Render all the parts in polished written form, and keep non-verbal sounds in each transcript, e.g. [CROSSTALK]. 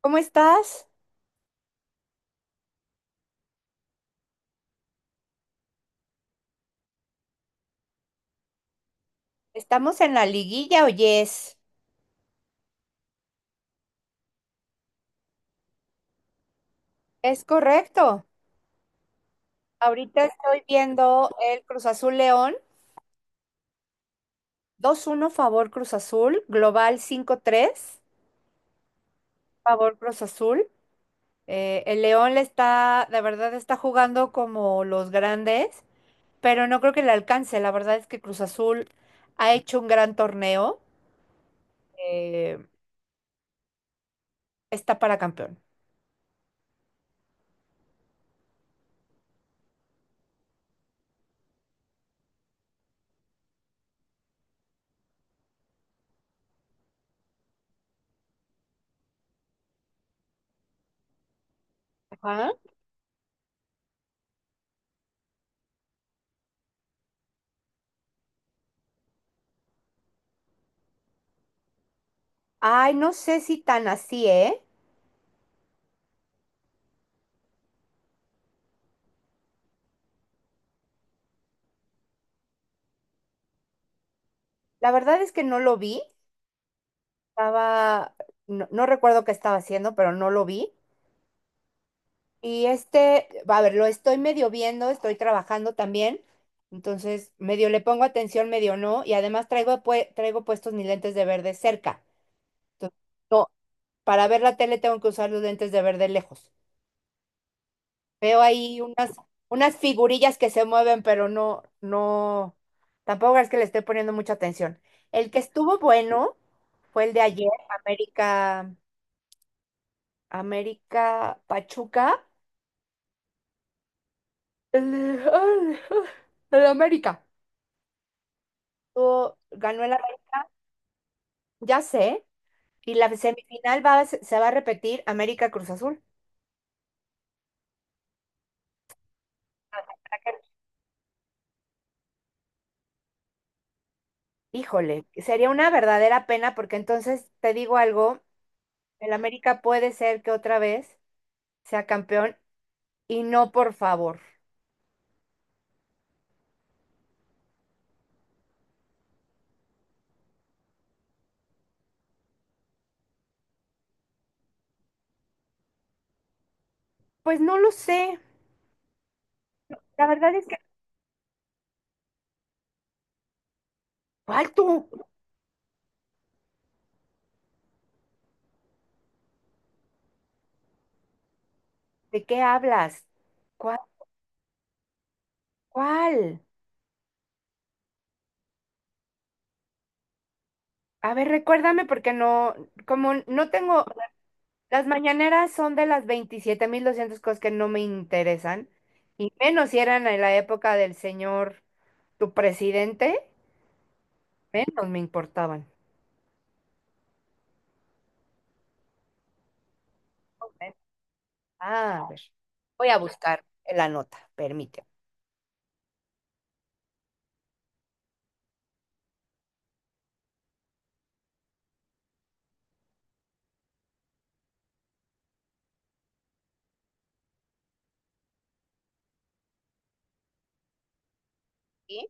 ¿Cómo estás? Estamos en la liguilla, oyes. Es correcto. Ahorita estoy viendo el Cruz Azul León. 2-1, favor Cruz Azul. Global 5-3, favor Cruz Azul. El León le está, la verdad, está jugando como los grandes, pero no creo que le alcance. La verdad es que Cruz Azul ha hecho un gran torneo. Eh, Está para campeón. Ajá. Ay, no sé si tan así, ¿eh? La verdad es que no lo vi. Estaba, no, recuerdo qué estaba haciendo, pero no lo vi. Y este, a ver, lo estoy medio viendo, estoy trabajando también. Entonces, medio le pongo atención, medio no. Y además traigo, traigo puestos mis lentes de ver de cerca. Entonces, no, para ver la tele tengo que usar los lentes de ver de lejos. Veo ahí unas, unas figurillas que se mueven, pero no, no, tampoco es que le esté poniendo mucha atención. El que estuvo bueno fue el de ayer, América. América Pachuca. [LAUGHS] El, ay, El América. Ganó el América, ya sé. Y la semifinal va, a se se va a repetir América Cruz Azul. Híjole, sería una verdadera pena porque entonces te digo algo, el América puede ser que otra vez sea campeón y no, por favor. Pues no lo sé. La verdad es que, ¿cuál tú? ¿De qué hablas? ¿Cuál? ¿Cuál? A ver, recuérdame porque no, como no tengo. Las mañaneras son de las 27.200 cosas que no me interesan, y menos si eran en la época del señor, tu presidente, menos me importaban. A ver, voy a buscar la nota, permíteme. ¿Sí?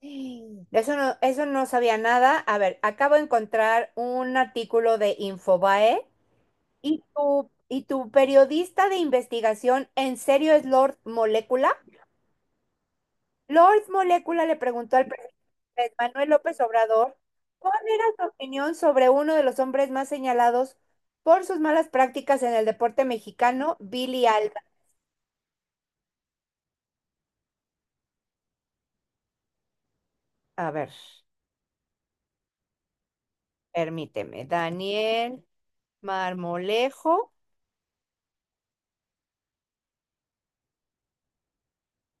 [GASPS] De eso no, eso no sabía nada. A ver, acabo de encontrar un artículo de Infobae y tu periodista de investigación, ¿en serio es Lord Molécula? Lord Molécula le preguntó al presidente Manuel López Obrador cuál era su opinión sobre uno de los hombres más señalados por sus malas prácticas en el deporte mexicano, Billy Alba. A ver, permíteme. Daniel Marmolejo,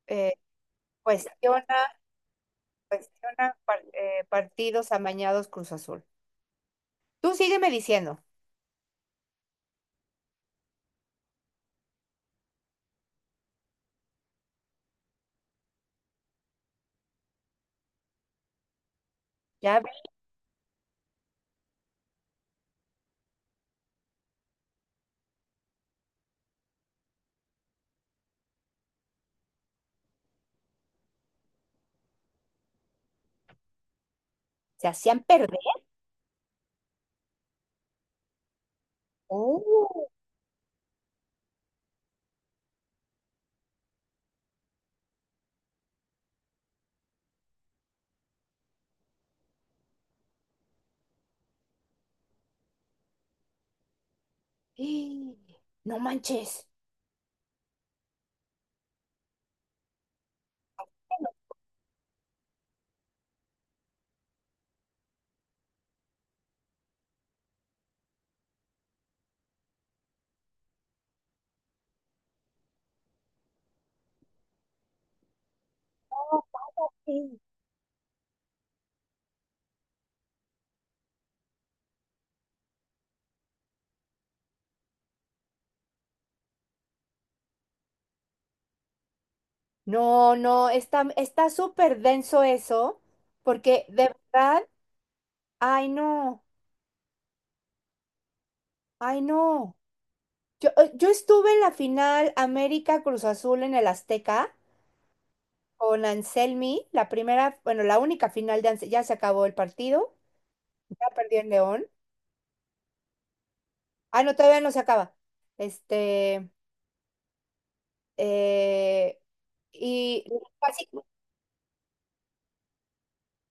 eh, cuestiona, cuestiona partidos amañados Cruz Azul. Tú sígueme diciendo. Ya ves, se hacían perder. Oh, ¡ih! No manches. No, no, está, está súper denso eso, porque de verdad, ay no, ay no. Yo estuve en la final América Cruz Azul en el Azteca con Anselmi, la primera, bueno, la única final de Anselmi, ya se acabó el partido, ya perdió en León. Ah, no, todavía no se acaba. Este, eh, y casi,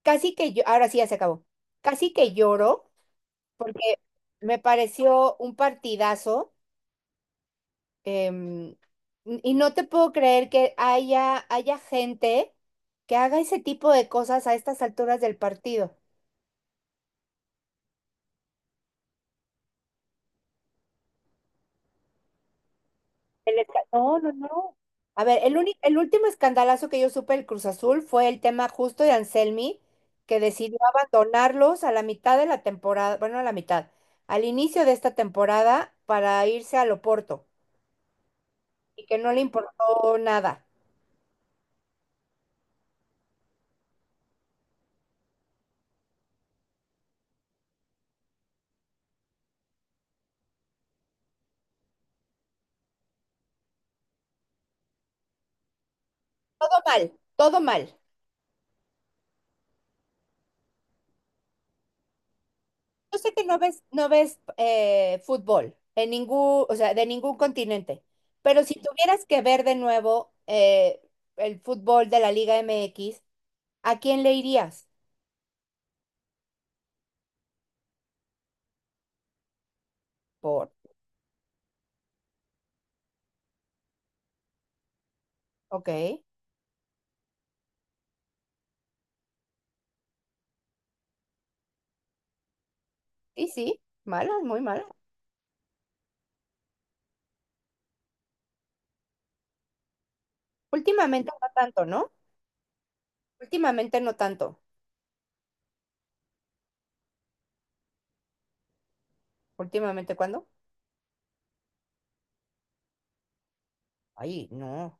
casi que yo, ahora sí ya se acabó, casi que lloro, me pareció un partidazo. Em, y no te puedo creer que haya, haya gente que haga ese tipo de cosas a estas alturas del partido. No, no, no. A ver, el último escandalazo que yo supe del Cruz Azul fue el tema justo de Anselmi, que decidió abandonarlos a la mitad de la temporada, bueno, a la mitad, al inicio de esta temporada para irse al Oporto y que no le importó nada. Todo mal, todo mal. Yo sé que no ves, no ves fútbol en ningún, o sea, de ningún continente, pero si tuvieras que ver de nuevo el fútbol de la Liga MX, ¿a quién le irías? Por, ok, sí, sí, mala muy mala. Últimamente no tanto, ¿no? Últimamente no tanto. Últimamente, ¿cuándo? Ay, no.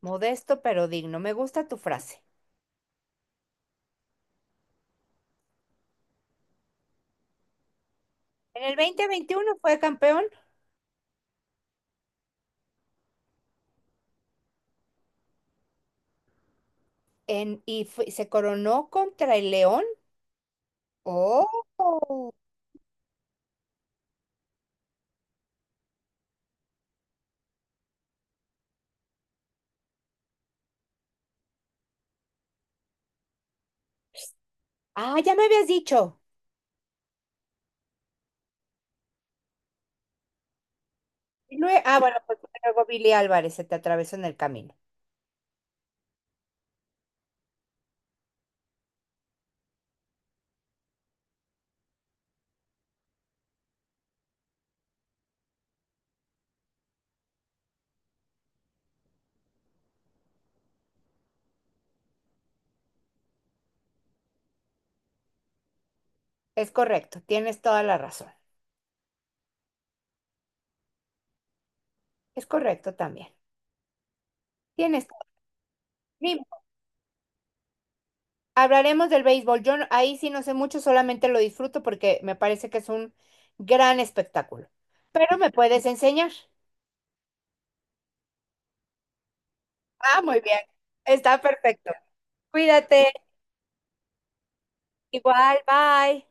Modesto pero digno. Me gusta tu frase. En el 2021 fue campeón en, se coronó contra el León. Oh. Ah, ya me habías dicho. Ah, bueno, pues luego Billy Álvarez se te atravesó en el camino. Es correcto, tienes toda la razón. Es correcto también. Tienes toda- Sí, hablaremos del béisbol. Yo no- Ahí sí no sé mucho, solamente lo disfruto porque me parece que es un gran espectáculo. Pero me puedes enseñar. Ah, muy bien. Está perfecto. Cuídate. Igual, bye.